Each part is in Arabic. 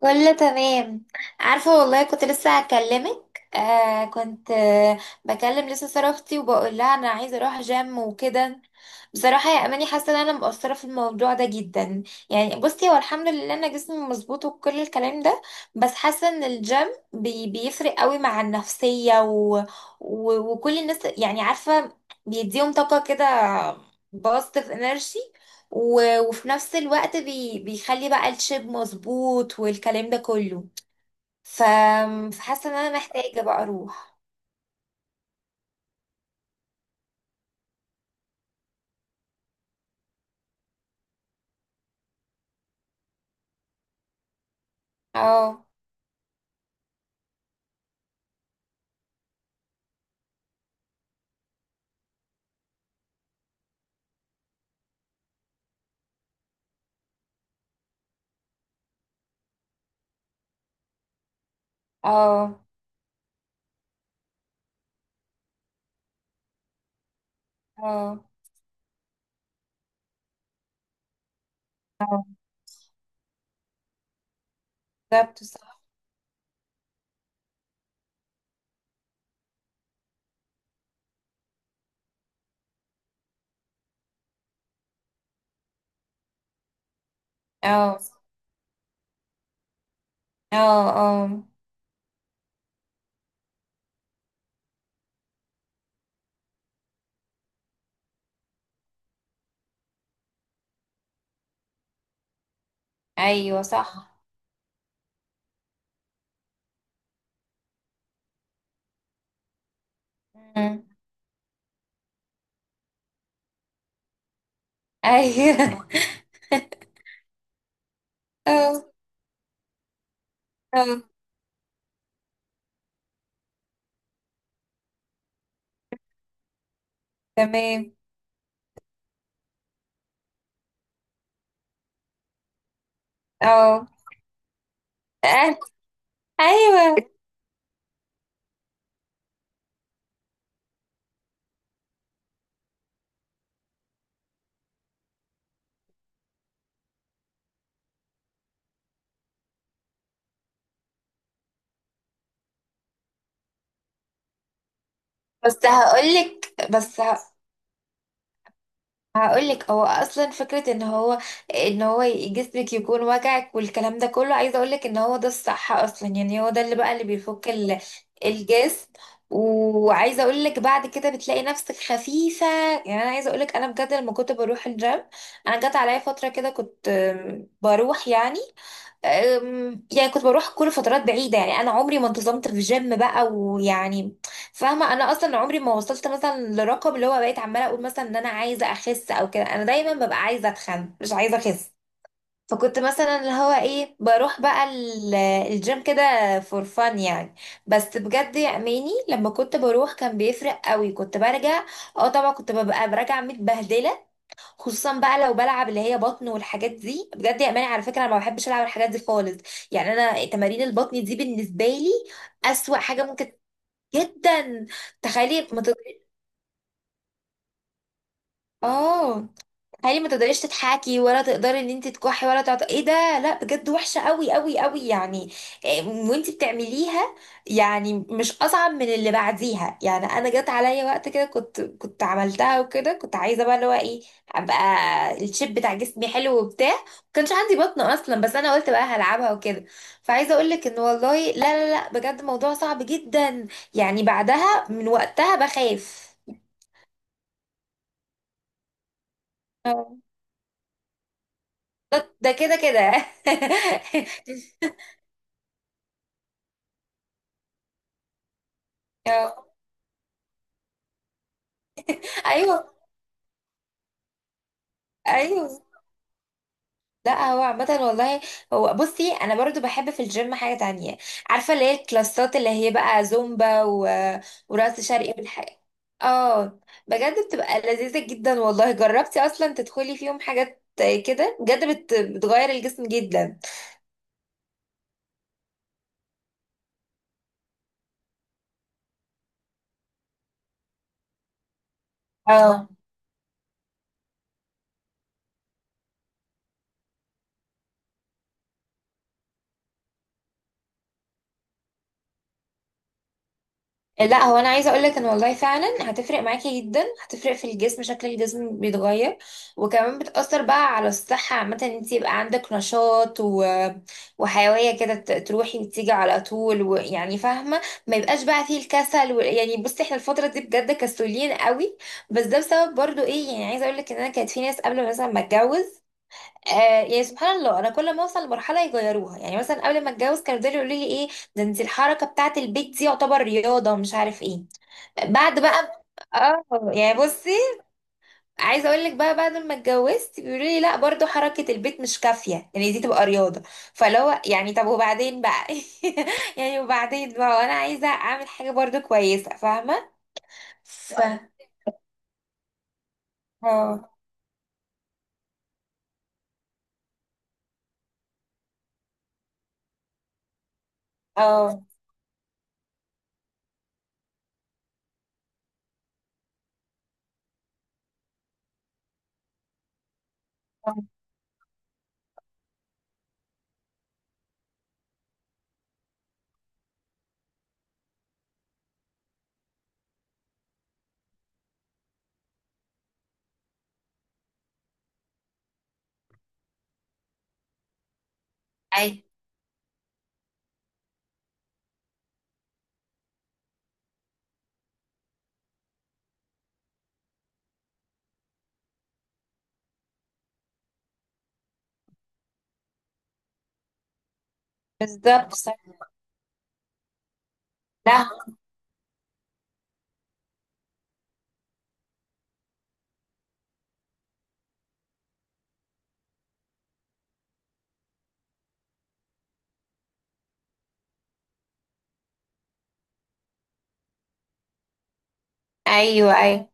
كله تمام. عارفة والله كنت لسه هكلمك، آه كنت آه بكلم لسه سارة اختي وبقول لها انا عايزة اروح جيم وكده. بصراحة يا اماني حاسة ان انا مقصرة في الموضوع ده جدا. يعني بصي هو الحمد لله انا جسمي مظبوط وكل الكلام ده، بس حاسة ان الجيم بيفرق قوي مع النفسية و وكل الناس يعني عارفة، بيديهم طاقة كده، باست في انرجي، وفي نفس الوقت بيخلي بقى الشيب مظبوط والكلام ده كله. ف... فحاسه ان انا محتاجه بقى اروح. اه، اه، اه، بالظبط صح. اه، اه، اه، ايوه صح. مم. ايوه. اه، اه، تمام، اه، آه، ايوه. بس هقولك بس ه- هقولك هو اصلا فكره ان هو ان هو جسمك يكون وجعك والكلام ده كله، عايزه اقولك ان هو ده الصح اصلا، يعني هو ده اللي بقى اللي بيفك الجسم. وعايزه اقولك بعد كده بتلاقي نفسك خفيفه. يعني انا عايزه اقولك انا بجد لما كنت بروح الجيم، انا جت عليا فتره كده كنت بروح يعني، يعني كنت بروح كل فترات بعيدة، يعني أنا عمري ما انتظمت في جيم بقى ويعني فاهمة. أنا أصلا عمري ما وصلت مثلا لرقم اللي هو بقيت عمالة أقول مثلا إن أنا عايزة أخس أو كده، أنا دايما ببقى عايزة أتخن مش عايزة أخس. فكنت مثلا اللي هو إيه، بروح بقى الجيم كده فور فان يعني. بس بجد يا أماني لما كنت بروح كان بيفرق قوي، كنت برجع، اه طبعا كنت ببقى برجع متبهدلة. خصوصا بقى لو بلعب اللي هي بطن والحاجات دي، بجد يا اماني على فكره انا ما بحبش العب الحاجات دي خالص. يعني انا تمارين البطن دي بالنسبه لي اسوأ حاجه ممكن جدا. تخيلي، اه، تخيلي، ما تقدريش تضحكي ولا تقدري ان انت تكحي ولا ايه ده، لا بجد وحشه قوي قوي قوي يعني. إيه، وانت بتعمليها، يعني مش اصعب من اللي بعديها. يعني انا جت عليا وقت كده كنت عملتها وكده، كنت عايزه بقى اللي هو ايه، ابقى الشيب بتاع جسمي حلو وبتاع، ما كانش عندي بطن اصلا بس انا قلت بقى هلعبها وكده. فعايزه اقول لك ان والله لا لا لا، بجد موضوع صعب جدا. يعني بعدها من وقتها بخاف. ده ده كده كده. آه، ايوه، ايوه. لا هو عامة والله، هو بصي انا برضو بحب في الجيم حاجة تانية، عارفة اللي هي الكلاسات اللي هي بقى زومبا ورقص شرقي والحاجة، اه. بجد بتبقى لذيذة جدا والله، جربتي اصلا تدخلي فيهم حاجات كده بجد بتغير الجسم جدا. اه، آه، لا هو انا عايزه اقول لك ان والله فعلا هتفرق معاكي جدا، هتفرق في الجسم، شكل الجسم بيتغير. وكمان بتاثر بقى على الصحه عامه ان انت يبقى عندك نشاط وحيويه كده، تروحي وتيجي على طول ويعني فاهمه، ما يبقاش بقى فيه الكسل يعني بصي احنا الفتره دي بجد كسولين قوي. بس ده بسبب برضو ايه، يعني عايزه اقول لك ان انا كانت في ناس قبل مثلا ما اتجوز، آه، يعني سبحان الله انا كل ما اوصل لمرحله يغيروها. يعني مثلا قبل ما اتجوز كانوا يفضلوا يقولوا لي ايه، ده انت الحركه بتاعه البيت دي يعتبر رياضه مش عارف ايه. بعد بقى، اه، يعني بصي، عايزه اقول لك بقى بعد ما اتجوزت بيقولوا لي لا برضو حركه البيت مش كافيه يعني دي تبقى رياضه. فلو يعني طب وبعدين بقى، يعني وبعدين بقى وانا عايزه اعمل حاجه برضو كويسه فاهمه. ف اه، اه، اي، بالظبط صح. لا، ايوه، ايوه،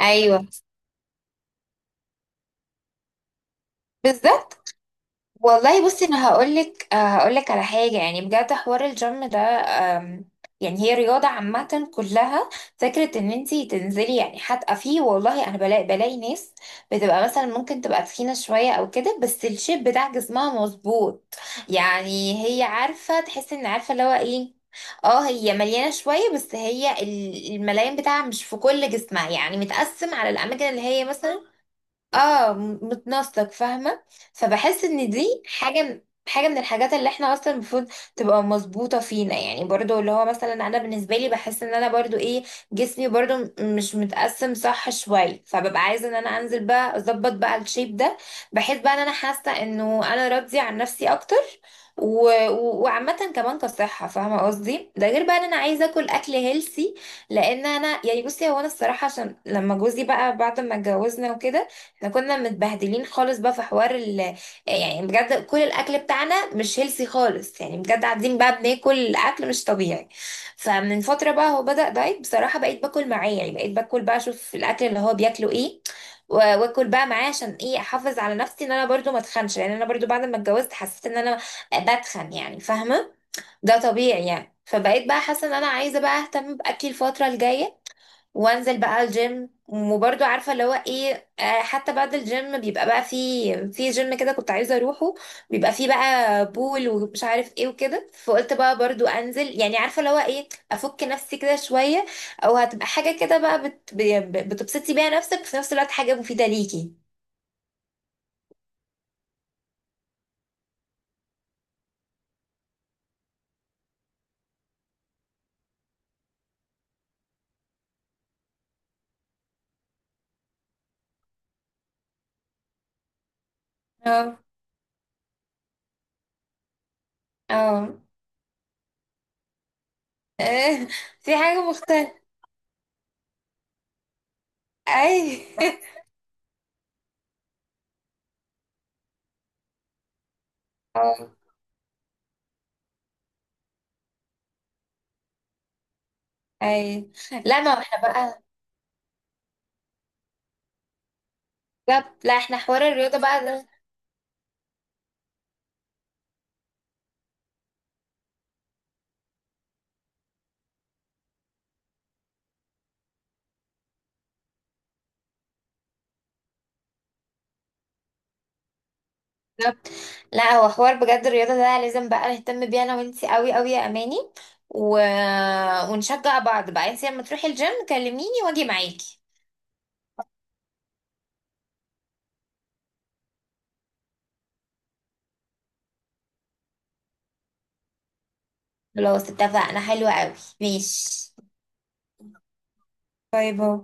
ايوه، بالظبط. والله بصي انا هقولك، آه، هقولك على حاجه، يعني بجد حوار الجيم ده، آم، يعني هي رياضه عامه كلها. فكره ان انتي تنزلي، يعني حتى فيه والله انا بلاقي ناس بتبقى مثلا ممكن تبقى تخينه شويه او كده بس الشيب بتاع جسمها مظبوط، يعني هي عارفه تحس ان عارفه اللي هو ايه. اه هي مليانه شويه بس هي الملايين بتاعها مش في كل جسمها يعني متقسم على الاماكن، اللي هي مثلا اه متناسق فاهمة. فبحس ان دي حاجة من الحاجات اللي احنا اصلا المفروض تبقى مظبوطة فينا. يعني برضو اللي هو مثلا انا بالنسبة لي بحس ان انا برضو ايه، جسمي برضو مش متقسم صح شوية، فببقى عايزة ان انا انزل بقى اظبط بقى الشيب ده، بحيث بقى ان انا حاسة انه انا راضية عن نفسي اكتر. وعامة كمان كصحة فاهمة قصدي، ده غير بقى ان انا عايزة اكل اكل هيلسي. لان انا يعني بصي هو انا الصراحة، عشان لما جوزي بقى بعد ما اتجوزنا وكده احنا كنا متبهدلين خالص بقى في حوار يعني بجد كل الاكل بتاعنا مش هيلسي خالص، يعني بجد قاعدين بقى بناكل اكل مش طبيعي. فمن فتره بقى هو بدأ دايت بصراحه، بقيت باكل معاه، يعني بقيت باكل بقى اشوف الاكل اللي هو بياكله ايه، واكل بقى معاه عشان ايه احافظ على نفسي ان انا برضو ما اتخنش، لان انا برضو بعد ما اتجوزت حسيت ان انا بتخن يعني فاهمه، ده طبيعي يعني. فبقيت بقى حاسه ان انا عايزه بقى اهتم باكلي الفتره الجايه، وانزل بقى الجيم. وبرضه عارفه اللي هو ايه، آه، حتى بعد الجيم بيبقى بقى في، في جيم كده كنت عايزه اروحه بيبقى فيه بقى بول ومش عارف ايه وكده، فقلت بقى برضه انزل يعني عارفه اللي هو ايه افك نفسي كده شويه، او هتبقى حاجه كده بقى بتبسطي بيها نفسك وفي نفس الوقت حاجه مفيده ليكي. اه، اه، آه، في حاجه مختلفه. اي، اه، اي. لا ما احنا بقى، لا لا، احنا حوار الرياضه بقى ده. لا هو حوار بجد الرياضة ده لازم بقى نهتم بيها انا وانتي قوي قوي يا اماني، و... ونشجع بعض بقى. انتي لما تروحي الجيم كلميني واجي معاكي. خلاص اتفقنا، حلوة قوي. ماشي، باي باي.